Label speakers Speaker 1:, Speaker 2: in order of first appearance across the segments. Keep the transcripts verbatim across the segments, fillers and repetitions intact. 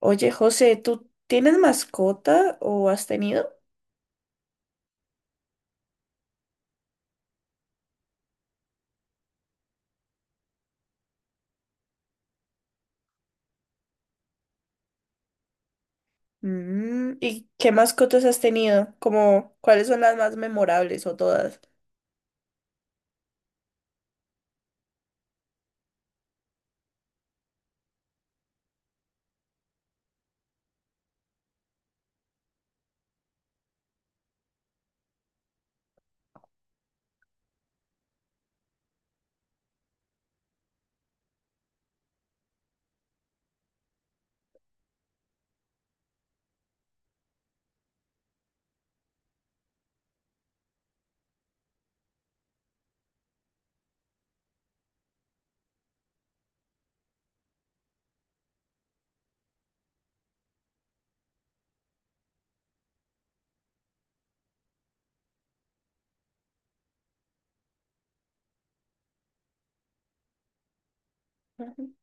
Speaker 1: Oye, José, ¿tú tienes mascota o has tenido? Mm, ¿y qué mascotas has tenido? Como, ¿cuáles son las más memorables o todas? Ujú.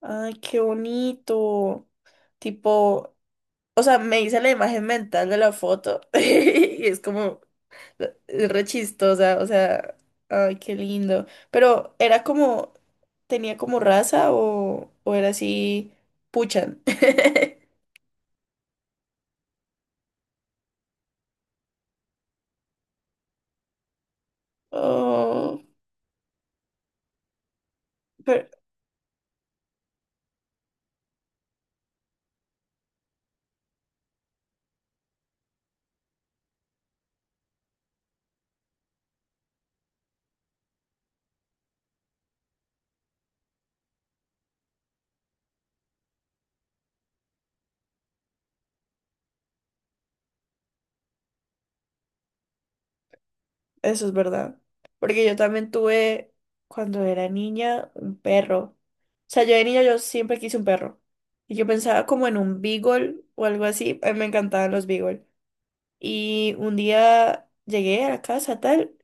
Speaker 1: Ay, qué bonito. Tipo, o sea, me hice la imagen mental de la foto y es como, es re chistosa, o sea, ay, qué lindo. Pero, ¿era como, tenía como raza o, o era así, puchan? Oh, pero- Eso es verdad. Porque yo también tuve, cuando era niña, un perro. O sea, yo de niña yo siempre quise un perro. Y yo pensaba como en un beagle o algo así. A mí me encantaban los beagle. Y un día llegué a la casa tal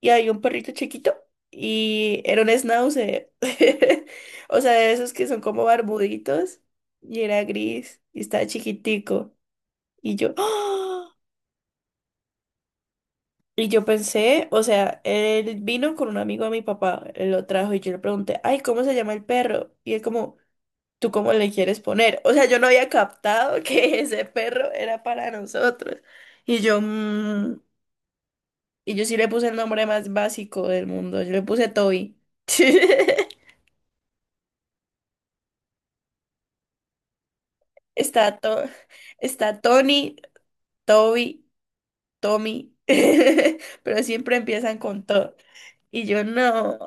Speaker 1: y había un perrito chiquito y era un schnauzer. O sea, de esos que son como barbuditos y era gris y estaba chiquitico. Y yo, ¡ah! Y yo pensé, o sea, él vino con un amigo de mi papá, él lo trajo y yo le pregunté, ay, ¿cómo se llama el perro? Y él como, ¿tú cómo le quieres poner? O sea, yo no había captado que ese perro era para nosotros. Y yo, "Mm". Y yo sí le puse el nombre más básico del mundo, yo le puse Toby. Está, To- Está Tony, Toby, Tommy, pero siempre empiezan con To. Y yo no,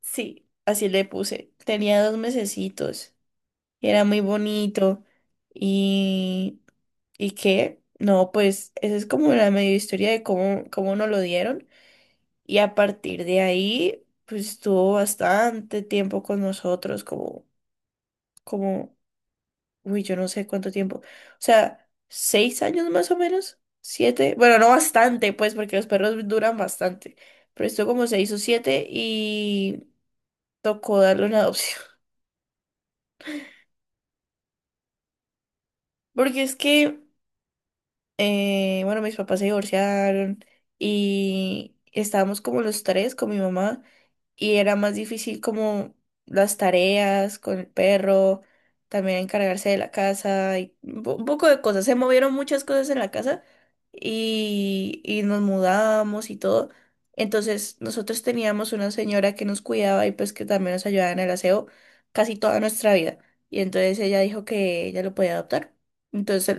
Speaker 1: sí, así le puse. Tenía dos mesecitos y era muy bonito. Y, ¿y qué? No, pues esa es como la medio historia de cómo, cómo nos lo dieron. Y a partir de ahí, pues estuvo bastante tiempo con nosotros, como, como, uy, yo no sé cuánto tiempo. O sea, seis años más o menos, siete. Bueno, no bastante, pues, porque los perros duran bastante. Pero estuvo como seis o siete y tocó darle una adopción. Porque es que eh, bueno, mis papás se divorciaron y estábamos como los tres con mi mamá y era más difícil como las tareas con el perro, también encargarse de la casa y un po- un poco de cosas. Se movieron muchas cosas en la casa y, y nos mudamos y todo. Entonces nosotros teníamos una señora que nos cuidaba y pues que también nos ayudaba en el aseo casi toda nuestra vida. Y entonces ella dijo que ella lo podía adoptar. Entonces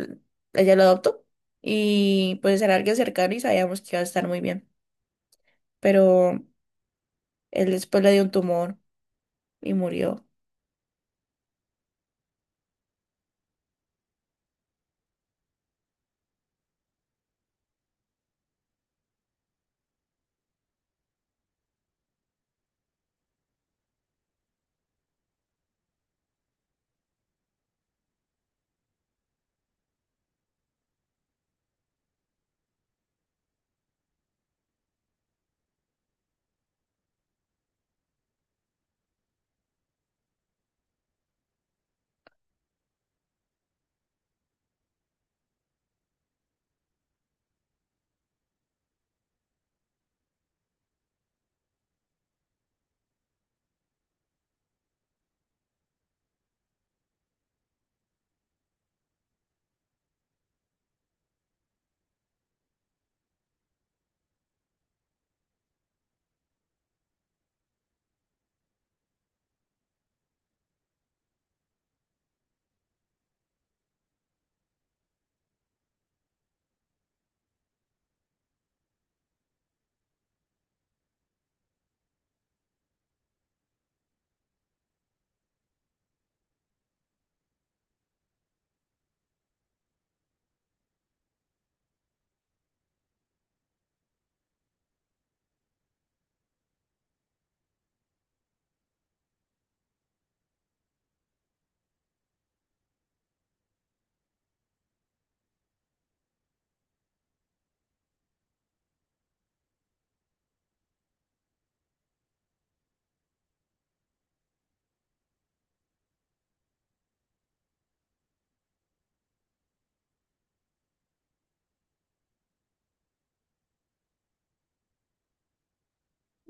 Speaker 1: ella lo adoptó y pues era alguien cercano y sabíamos que iba a estar muy bien, pero él después le dio un tumor y murió.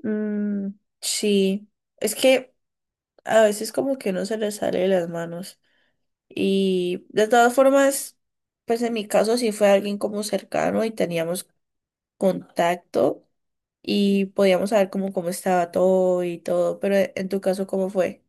Speaker 1: Mm, Sí, es que a veces como que uno se le sale de las manos y de todas formas, pues en mi caso sí fue alguien como cercano y teníamos contacto y podíamos saber como cómo estaba todo y todo, pero e- en tu caso, ¿cómo fue?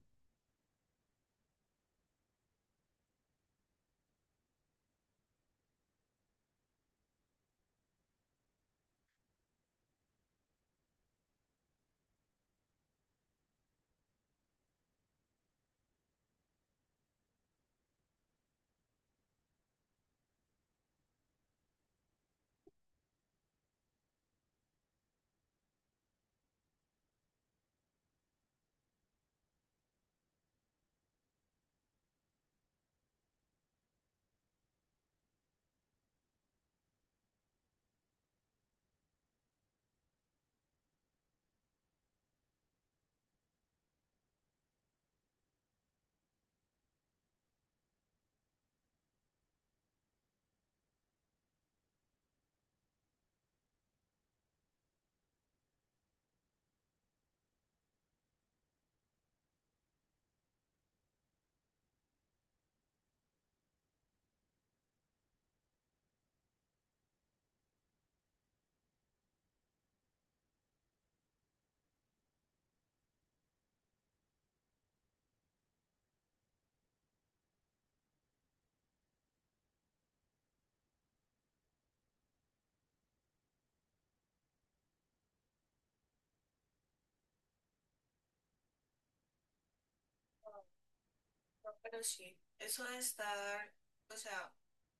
Speaker 1: No, pero sí, eso de estar, o sea,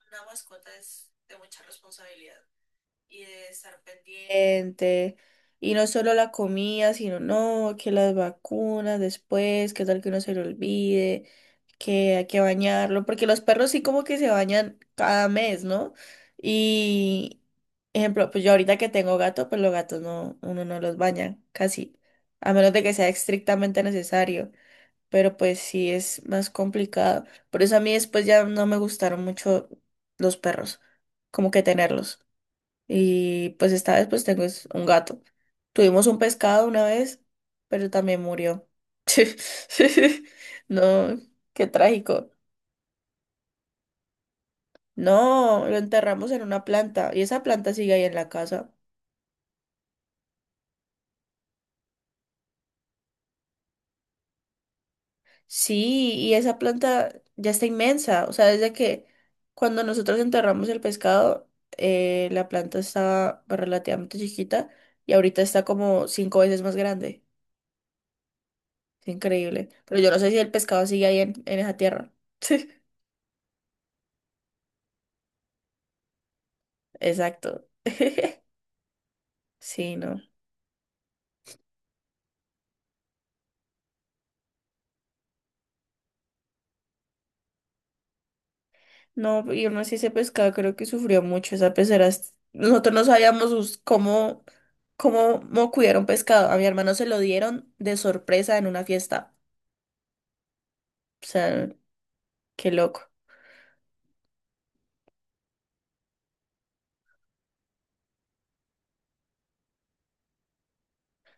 Speaker 1: una mascota es de mucha responsabilidad. Y de estar pendiente. Y no solo la comida, sino no, que las vacunas después, que tal que uno se le olvide, que hay que bañarlo, porque los perros sí como que se bañan cada mes, ¿no? Y, ejemplo, pues yo ahorita que tengo gato, pues los gatos no, uno no los baña casi, a menos de que sea estrictamente necesario. Pero pues sí es más complicado. Por eso a mí después ya no me gustaron mucho los perros, como que tenerlos. Y pues esta vez pues tengo es un gato. Tuvimos un pescado una vez, pero también murió. No, qué trágico. No, lo enterramos en una planta y esa planta sigue ahí en la casa. Sí, y esa planta ya está inmensa. O sea, desde que cuando nosotros enterramos el pescado, eh, la planta estaba relativamente chiquita y ahorita está como cinco veces más grande. Es increíble. Pero yo no sé si el pescado sigue ahí en en esa tierra. Exacto. Sí, no. No, y aún así ese pescado creo que sufrió mucho esa pecera. es- Nosotros no sabíamos us- cómo, cómo, cómo cuidar un pescado. A mi hermano se lo dieron de sorpresa en una fiesta. O sea, qué loco.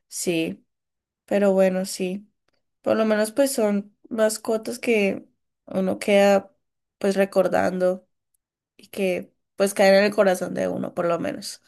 Speaker 1: Sí, pero bueno, sí. Por lo menos pues son mascotas que uno queda pues recordando y que pues caen en el corazón de uno, por lo menos.